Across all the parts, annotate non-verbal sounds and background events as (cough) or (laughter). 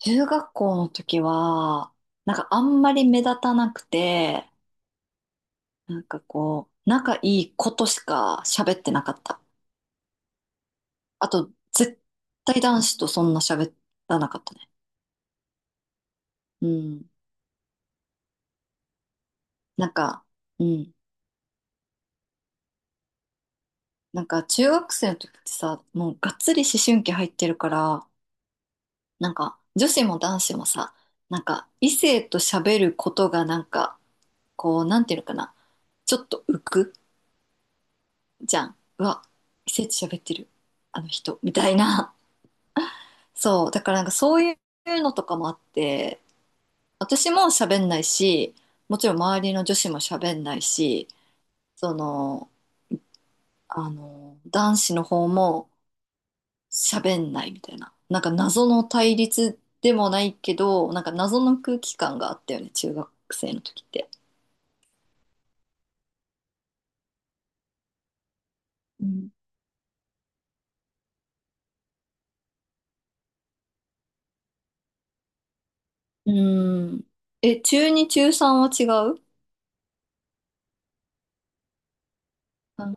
中学校の時は、あんまり目立たなくて、こう、仲いい子としか喋ってなかった。あと、絶対男子とそんな喋らなかったね。うん。なんか、うん。なんか中学生の時ってさ、もうがっつり思春期入ってるから、なんか女子も男子もさ、なんか異性と喋ることがなんか、こう、なんていうのかな、ちょっと浮くじゃん。うわ、異性と喋ってる、あの人、みたいな。そう、だからなんかそういうのとかもあって、私も喋んないし、もちろん周りの女子も喋んないし、その、あの、男子の方も喋んないみたいな。なんか謎の対立でもないけど、なんか謎の空気感があったよね、中学生の時って。うん。うーん、え、中2、中3は違うあの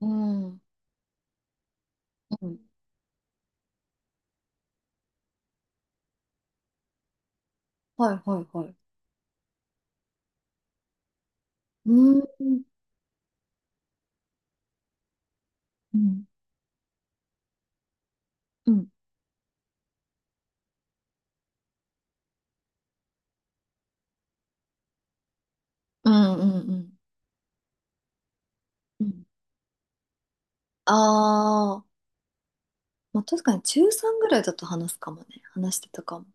うん。うん。うん。はいはいはい。うーん。うん。うん。うんうんうん。うん、ああ、まあ、確かに中3ぐらいだと話すかもね。話してたかも。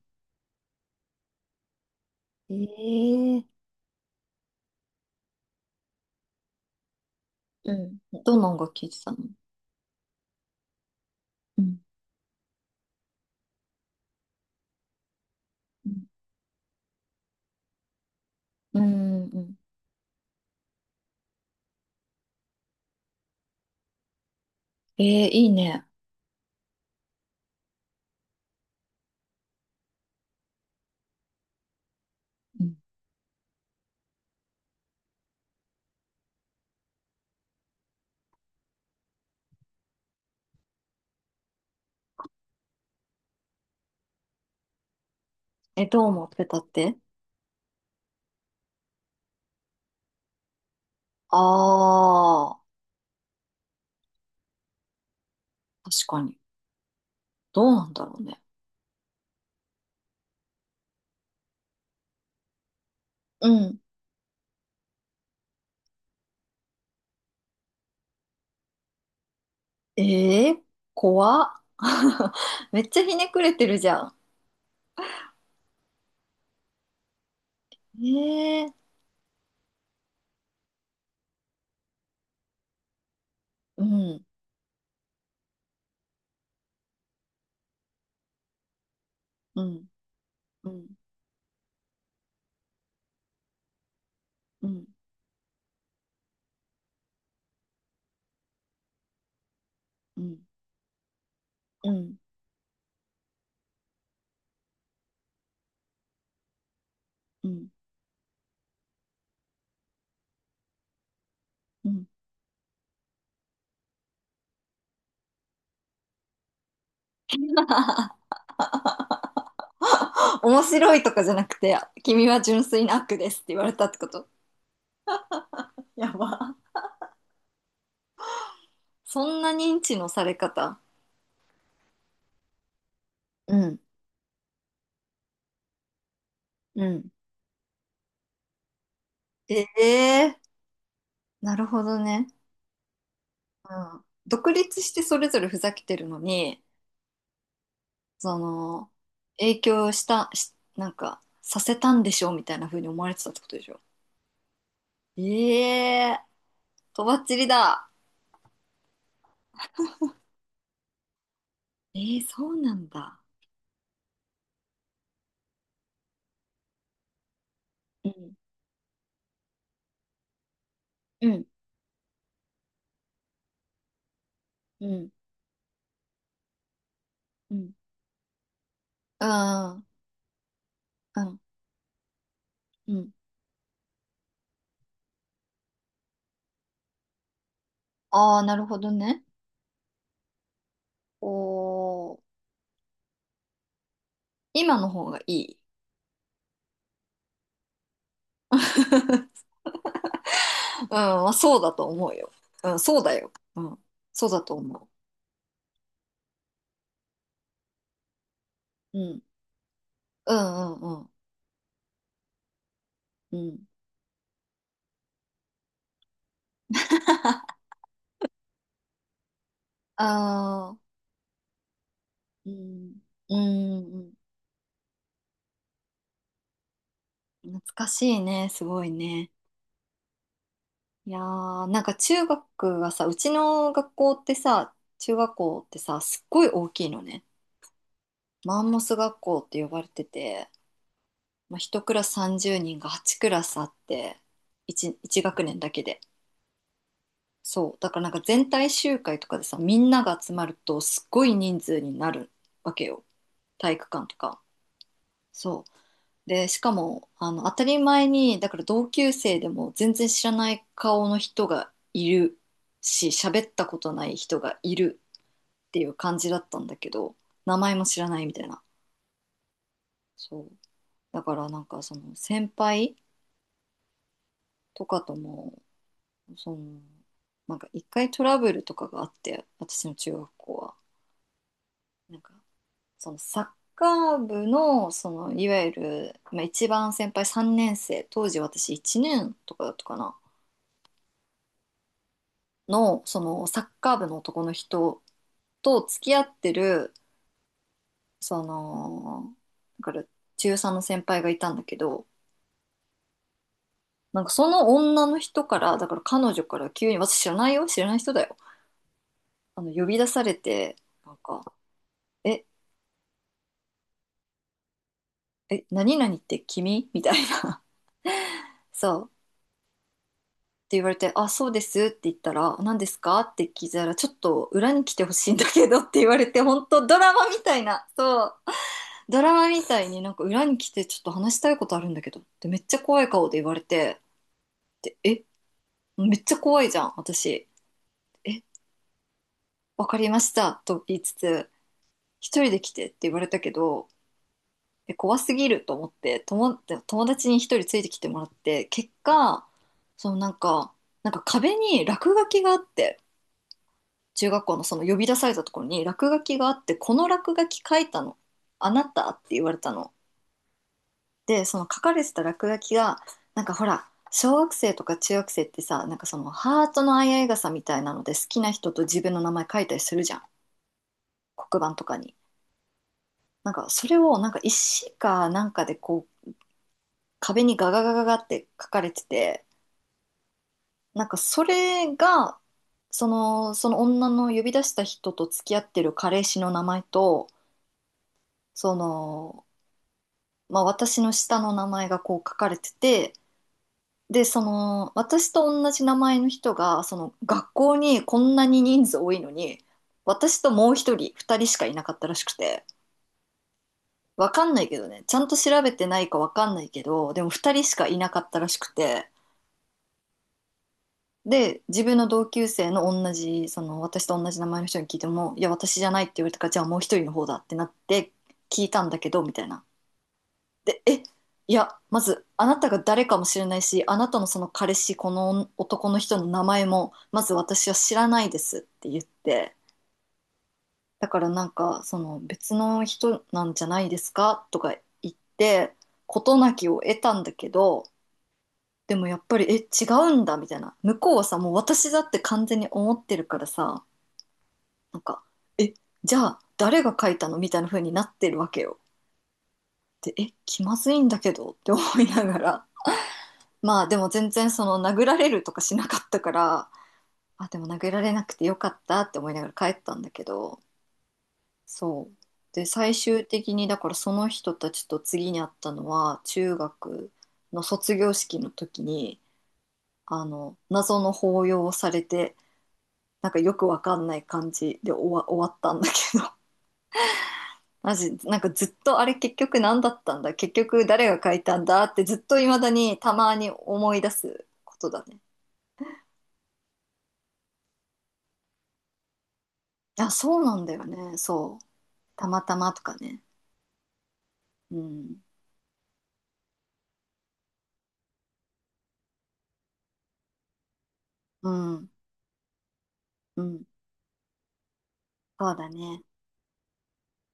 ええ、うん。どんな音楽聴いてたの？うん。うん。うん。ええ、いいね。うん。え、どう思ってたって？ああー、確かに。どうなんだろうね。うん。ええ、怖っ。(laughs) めっちゃひねくれてるじゃん。ええ、うん。うん。うん。うん。うん。うん。うん。うん。面白いとかじゃなくて、君は純粋な悪ですって言われたってこと？やば。そんな認知のされ方。うん、うん。ええー、なるほどね。うん。独立してそれぞれふざけてるのに、その、影響した、し、なんか、させたんでしょみたいな風に思われてたってことでしょ？ええー、とばっちりだ。ええー、そうなんだ。うん、うん、うん、うん。うん、うん、うん。ああ、なるほどね。おー、今の方がいい。(laughs) うん、まあそうだと思うよ。うん、そうだよ。うん、そうだと思う。うん、うん、うん、うん。うん。(laughs) ああ、うん、うん、うん。懐かしいね、すごいね。いやー、なんか中学がさ、うちの学校ってさ、中学校ってさ、すっごい大きいのね。マンモス学校って呼ばれてて、まあ、1クラス30人が8クラスあって、1、一学年だけで。そう、だからなんか全体集会とかでさ、みんなが集まるとすっごい人数になるわけよ、体育館とか。そう。でしかも、あの、当たり前にだから同級生でも全然知らない顔の人がいるし、喋ったことない人がいるっていう感じだったんだけど、名前も知らないみたいな。そう、だからなんかその先輩とかとも、その、なんか一回トラブルとかがあって、私の中学校は、なんか、そのサッカー部の、そのいわゆる、まあ、一番先輩3年生、当時私1年とかだったかな、のそのサッカー部の男の人と付き合ってる、その、だから中3の先輩がいたんだけど、なんかその女の人から、だから彼女から急に、私、知らないよ、知らない人だよ、あの、呼び出されて、なんか「え、え、何々って君?」みたいな。そう言われて、あ、そうですって言ったら、何ですかって聞いたら、ちょっと裏に来てほしいんだけどって言われて、本当ドラマみたいな、そう、ドラマみたいになんか裏に来てちょっと話したいことあるんだけどってめっちゃ怖い顔で言われて、で、え、めっちゃ怖いじゃん、私。え、わかりましたと言いつつ、一人で来てって言われたけど、え、怖すぎると思って友達に一人ついてきてもらって、結果、そのなんか、なんか壁に落書きがあって、中学校のその呼び出されたところに落書きがあって、この落書き書いたの、あなたって言われたの。で、その書かれてた落書きが、なんかほら、小学生とか中学生ってさ、なんかそのハートの相合い傘みたいなので好きな人と自分の名前書いたりするじゃん。黒板とかに。なんかそれをなんか石かなんかでこう壁にガガガガガって書かれてて、なんかそれが、その、その女の呼び出した人と付き合ってる彼氏の名前と、その、まあ、私の下の名前がこう書かれてて、で、その、私と同じ名前の人が、その、学校にこんなに人数多いのに、私ともう一人、二人しかいなかったらしくて、わかんないけどね、ちゃんと調べてないかわかんないけど、でも二人しかいなかったらしくて、で、自分の同級生の同じ、その、私と同じ名前の人に聞いても、いや、私じゃないって言われたから、じゃあもう一人の方だってなって聞いたんだけど、みたいな。で、え、いや、まず、あなたが誰かもしれないし、あなたのその彼氏、この男の人の名前も、まず私は知らないですって言って、だからなんか、その別の人なんじゃないですかとか言って、事なきを得たんだけど、でもやっぱり、え、違うんだみたいな。向こうはさ、もう私だって完全に思ってるからさ、なんか、え、じゃあ誰が書いたのみたいな風になってるわけよ。で、え、気まずいんだけどって思いながら。まあでも全然その殴られるとかしなかったから、あ、でも殴られなくてよかったって思いながら帰ったんだけど、そう、で最終的にだからその人たちと次に会ったのは中学の卒業式の時に、あの、謎の抱擁をされて、なんかよくわかんない感じで終わったんだけど、 (laughs) マジなんか、ずっとあれ結局何だったんだ、結局誰が書いたんだってずっと未だにたまに思い出すことだね。あ、そうなんだよね。そう。たまたまとかね。うん。うん。うん。そうだね。